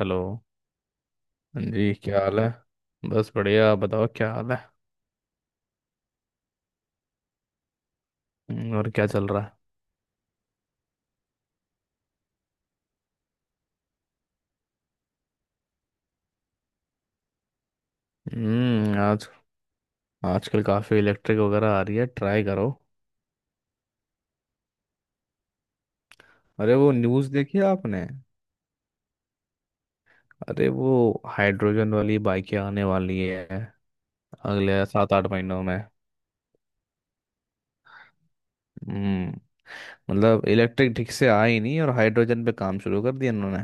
Hello. हाँ जी, क्या हाल है? बस बढ़िया, आप बताओ क्या हाल है? और क्या चल रहा है? आज आजकल काफ़ी इलेक्ट्रिक वगैरह आ रही है, ट्राई करो। अरे वो न्यूज़ देखी आपने? अरे वो हाइड्रोजन वाली बाइकें आने वाली है अगले 7 8 महीनों में। हम्म मतलब, इलेक्ट्रिक ठीक से आई नहीं और हाइड्रोजन पे काम शुरू कर दिया इन्होंने।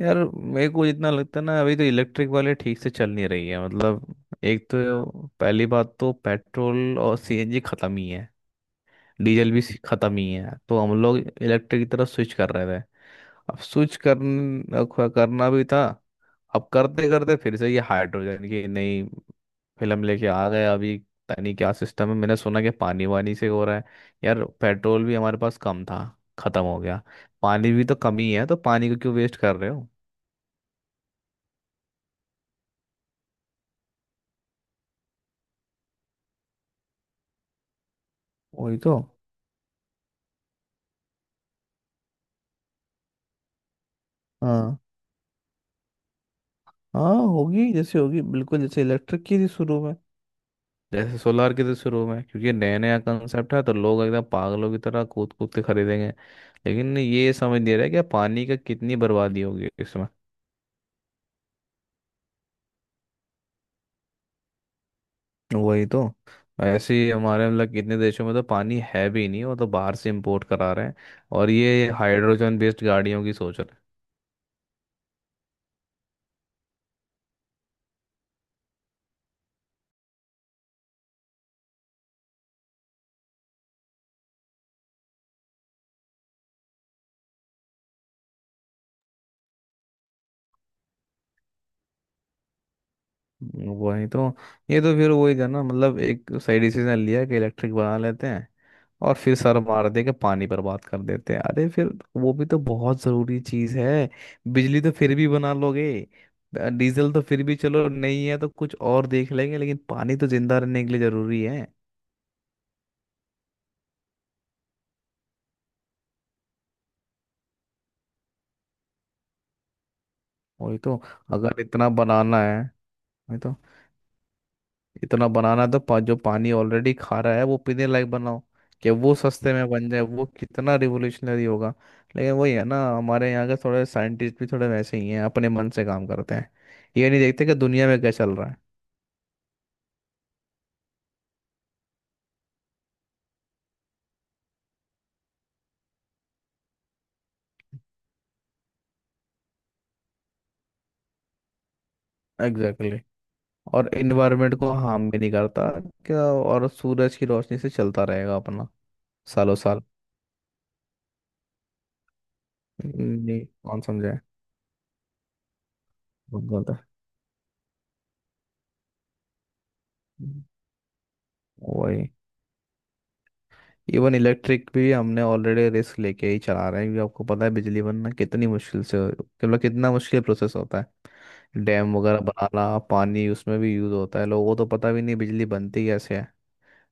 यार, मेरे को जितना लगता है ना, अभी तो इलेक्ट्रिक वाले ठीक से चल नहीं रही है। मतलब, एक तो पहली बात, तो पेट्रोल और सीएनजी खत्म ही है। डीजल भी खत्म ही है, तो हम लोग इलेक्ट्रिक की तरफ स्विच कर रहे थे। अब स्विच कर करना भी था। अब करते करते फिर से ये हाइड्रोजन की नई फिल्म लेके आ गए अभी। पता नहीं क्या सिस्टम है, मैंने सुना कि पानी वानी से हो रहा है। यार, पेट्रोल भी हमारे पास कम था, खत्म हो गया। पानी भी तो कम ही है, तो पानी को क्यों वेस्ट कर रहे हो? वही तो। हाँ, हाँ होगी। जैसे होगी बिल्कुल, जैसे इलेक्ट्रिक की थी शुरू में। जैसे सोलार के तो शुरू में, क्योंकि नया नया कंसेप्ट है, तो लोग एकदम पागलों की तरह कूद कूद के खरीदेंगे। लेकिन ये समझ नहीं रहा कि पानी का कितनी बर्बादी होगी इसमें। वही तो। ऐसे ही हमारे, मतलब, कितने देशों में तो पानी है भी नहीं, वो तो बाहर से इंपोर्ट करा रहे हैं। और ये हाइड्रोजन बेस्ड गाड़ियों की सोच रहे हैं। वही तो। ये तो फिर वही था ना, मतलब, एक सही डिसीजन लिया कि इलेक्ट्रिक बना लेते हैं, और फिर सर मार दे के पानी बर्बाद कर देते हैं। अरे फिर वो भी तो बहुत जरूरी चीज है। बिजली तो फिर भी बना लोगे। डीजल तो फिर भी चलो, नहीं है तो कुछ और देख लेंगे, लेकिन पानी तो जिंदा रहने के लिए जरूरी है। वही तो, अगर इतना बनाना है। वही तो, इतना बनाना है तो जो पानी ऑलरेडी खा रहा है वो पीने लायक बनाओ, कि वो सस्ते में बन जाए। वो कितना रिवोल्यूशनरी होगा। लेकिन वही है ना, हमारे यहाँ के थोड़े साइंटिस्ट भी थोड़े वैसे ही हैं, अपने मन से काम करते हैं। ये नहीं देखते कि दुनिया में क्या चल रहा है। Exactly, exactly। और इन्वायरमेंट को हार्म भी नहीं करता क्या, और सूरज की रोशनी से चलता रहेगा अपना, सालों साल। नहीं, कौन समझे। बहुत गलत है। वही, इवन इलेक्ट्रिक भी हमने ऑलरेडी रिस्क लेके ही चला रहे हैं, क्योंकि आपको पता है बिजली बनना कितनी मुश्किल से, मतलब कितना मुश्किल प्रोसेस होता है। डैम वगैरह बनाना, पानी उसमें भी यूज होता है। लोगों को तो पता भी नहीं बिजली बनती कैसे है,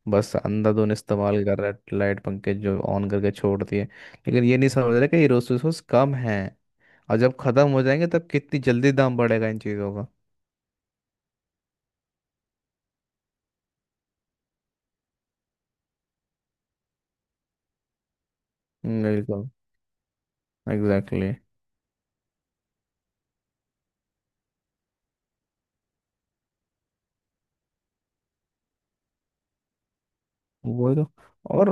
बस अंधाधुंध इस्तेमाल कर रहा है। लाइट पंखे जो ऑन करके छोड़ दिए, लेकिन ये नहीं समझ रहे कि ये रिसोर्सेस कम है, और जब खत्म हो जाएंगे तब कितनी जल्दी दाम बढ़ेगा इन चीज़ों का। बिल्कुल। Exactly, exactly। वही तो। और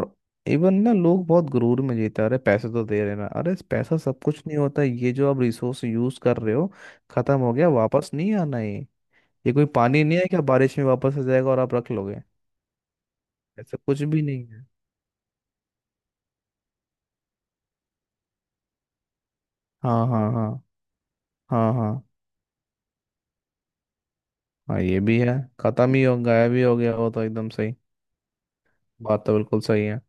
इवन ना, लोग बहुत गुरूर में जीते हैं, अरे पैसे तो दे रहे ना। अरे पैसा सब कुछ नहीं होता, ये जो आप रिसोर्स यूज कर रहे हो, खत्म हो गया वापस नहीं आना है। ये कोई पानी नहीं है क्या, बारिश में वापस आ जाएगा और आप रख लोगे। ऐसा कुछ भी नहीं है। हाँ, हाँ, हाँ। हाँ, हाँ, हाँ, ये भी है। खत्म ही हो गायब ही हो गया वो तो, एकदम सही। बात तो बिल्कुल सही है।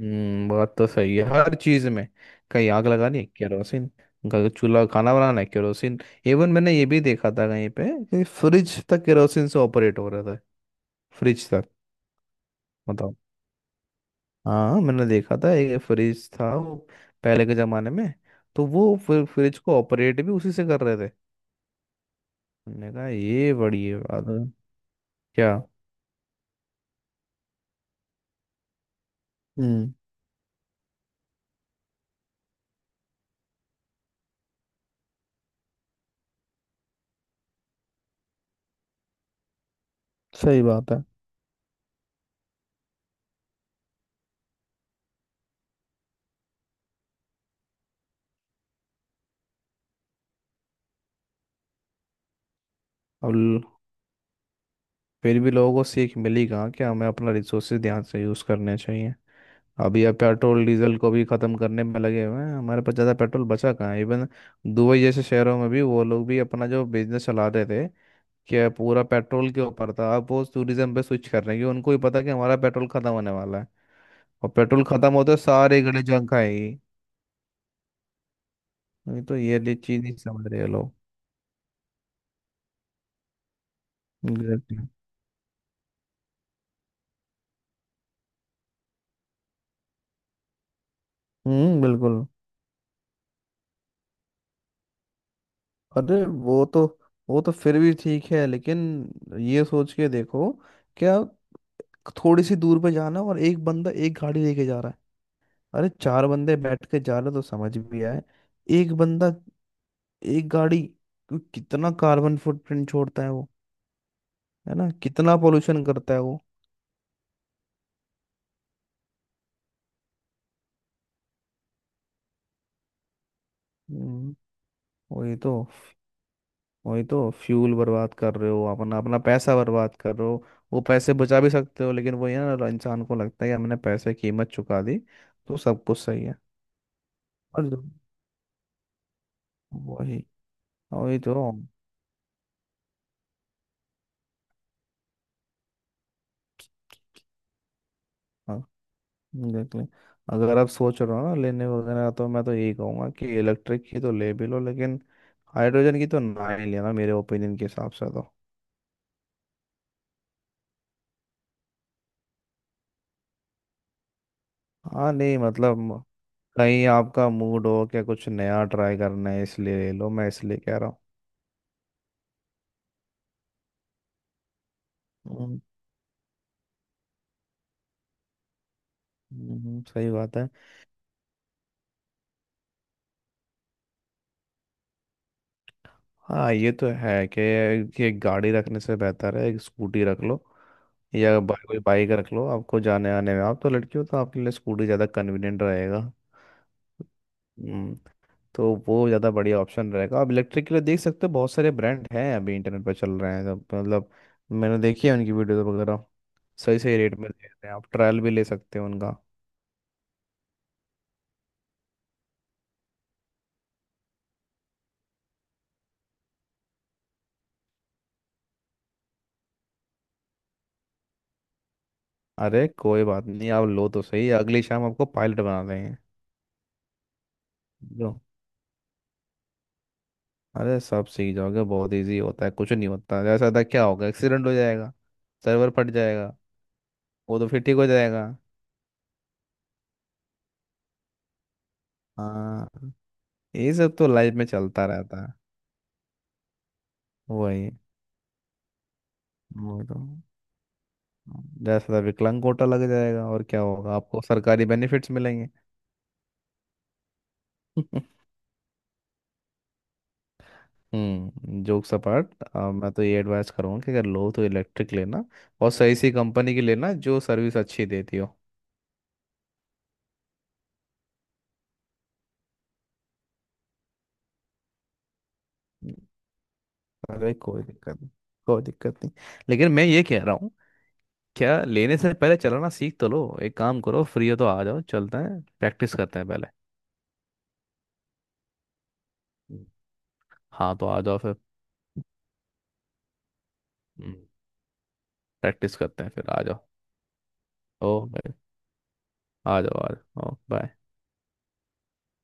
बात तो सही है हर चीज में। कहीं आग लगानी है केरोसिन, कहीं चूल्हा खाना बनाना है केरोसिन। इवन मैंने ये भी देखा था कहीं पे कि फ्रिज तक केरोसिन से ऑपरेट हो रहा था। फ्रिज तक, बताओ। हाँ, मैंने देखा था एक फ्रिज था वो, पहले के जमाने में। तो वो फ्रिज को ऑपरेट भी उसी से कर रहे थे। मैंने कहा, ये बड़ी है बात। हम्म, क्या। हम्म, सही बात है। अब ल- फिर भी लोगों को सीख मिली कहाँ, कि हमें अपना रिसोर्सेज ध्यान से यूज करने चाहिए। अभी अब पेट्रोल डीजल को भी खत्म करने में लगे हुए हैं। हमारे पास ज़्यादा पेट्रोल बचा कहाँ है इवन। दुबई जैसे शहरों में भी वो लोग भी अपना जो बिजनेस चला रहे थे, कि पूरा पेट्रोल के ऊपर था, अब वो टूरिज्म पे स्विच कर रहे हैं, क्योंकि उनको ही पता है कि हमारा पेट्रोल खत्म होने वाला है। और पेट्रोल खत्म होते सारे गले जंग खाएगी। नहीं तो ये लिए चीज नहीं समझ रहे लोग। Exactly। हम्म, बिल्कुल। अरे वो तो, वो तो फिर भी ठीक है लेकिन ये सोच के देखो क्या, थोड़ी सी दूर पे जाना और एक बंदा एक गाड़ी लेके जा रहा है। अरे चार बंदे बैठ के जा रहे तो समझ भी आए। एक बंदा, एक गाड़ी, कितना कार्बन फुटप्रिंट छोड़ता है वो, है ना, कितना पोल्यूशन करता है वो। हम्म, वही तो। वही तो, फ्यूल बर्बाद कर रहे हो अपना, अपना पैसा बर्बाद कर रहे हो। वो पैसे बचा भी सकते हो, लेकिन वो ये ना, इंसान को लगता है कि हमने पैसे की कीमत चुका दी तो सब कुछ सही है। और जो- वही, वही तो। देख लें, अगर आप सोच रहे हो ना लेने वगैरह, तो मैं तो यही कहूँगा कि इलेक्ट्रिक की तो ले भी लो, लेकिन हाइड्रोजन की तो ना ही लेना, मेरे ओपिनियन के हिसाब से तो। हाँ, नहीं मतलब, कहीं आपका मूड हो क्या, कुछ नया ट्राई करना है इसलिए ले लो, मैं इसलिए कह रहा हूँ। हम्म, सही बात है। हाँ, ये तो है कि एक गाड़ी रखने से बेहतर है एक स्कूटी रख लो, या कोई बाइक रख लो। आपको जाने आने में, आप तो लड़की हो, तो आपके लिए स्कूटी ज़्यादा कन्वीनियंट रहेगा। हम्म, तो वो ज़्यादा बढ़िया ऑप्शन रहेगा। आप इलेक्ट्रिक के लिए देख सकते हो, बहुत सारे ब्रांड हैं अभी इंटरनेट पर चल रहे हैं सब, मतलब, मैंने देखी है उनकी वीडियो वगैरह। सही सही रेट में दे रहे हैं, आप ट्रायल भी ले सकते हो उनका। अरे कोई बात नहीं, आप लो तो सही, अगली शाम आपको पायलट बना देंगे। लो, अरे सब सीख जाओगे, बहुत इजी होता है, कुछ नहीं होता। जैसा था, क्या होगा, एक्सीडेंट हो जाएगा, सर्वर फट जाएगा, वो तो फिर ठीक हो जाएगा। हाँ, ये सब तो लाइफ में चलता रहता है। वही, वही तो, 10,000 विकलांग कोटा लग जाएगा, और क्या होगा, आपको सरकारी बेनिफिट्स मिलेंगे। हम्म, जोक्स अपार्ट, मैं तो ये एडवाइस करूँगा कि अगर लो तो इलेक्ट्रिक लेना, और सही सी कंपनी की लेना जो सर्विस अच्छी देती हो। अरे कोई दिक्कत नहीं, कोई दिक्कत नहीं, लेकिन मैं ये कह रहा हूँ क्या, लेने से पहले चलाना सीख तो लो। एक काम करो, फ्री हो तो आ जाओ, चलते हैं प्रैक्टिस करते हैं पहले। हम्म। हाँ तो आ जाओ फिर, प्रैक्टिस करते हैं, फिर आ जाओ। ओ भाई, आ जाओ, आ जाओ। ओ bye।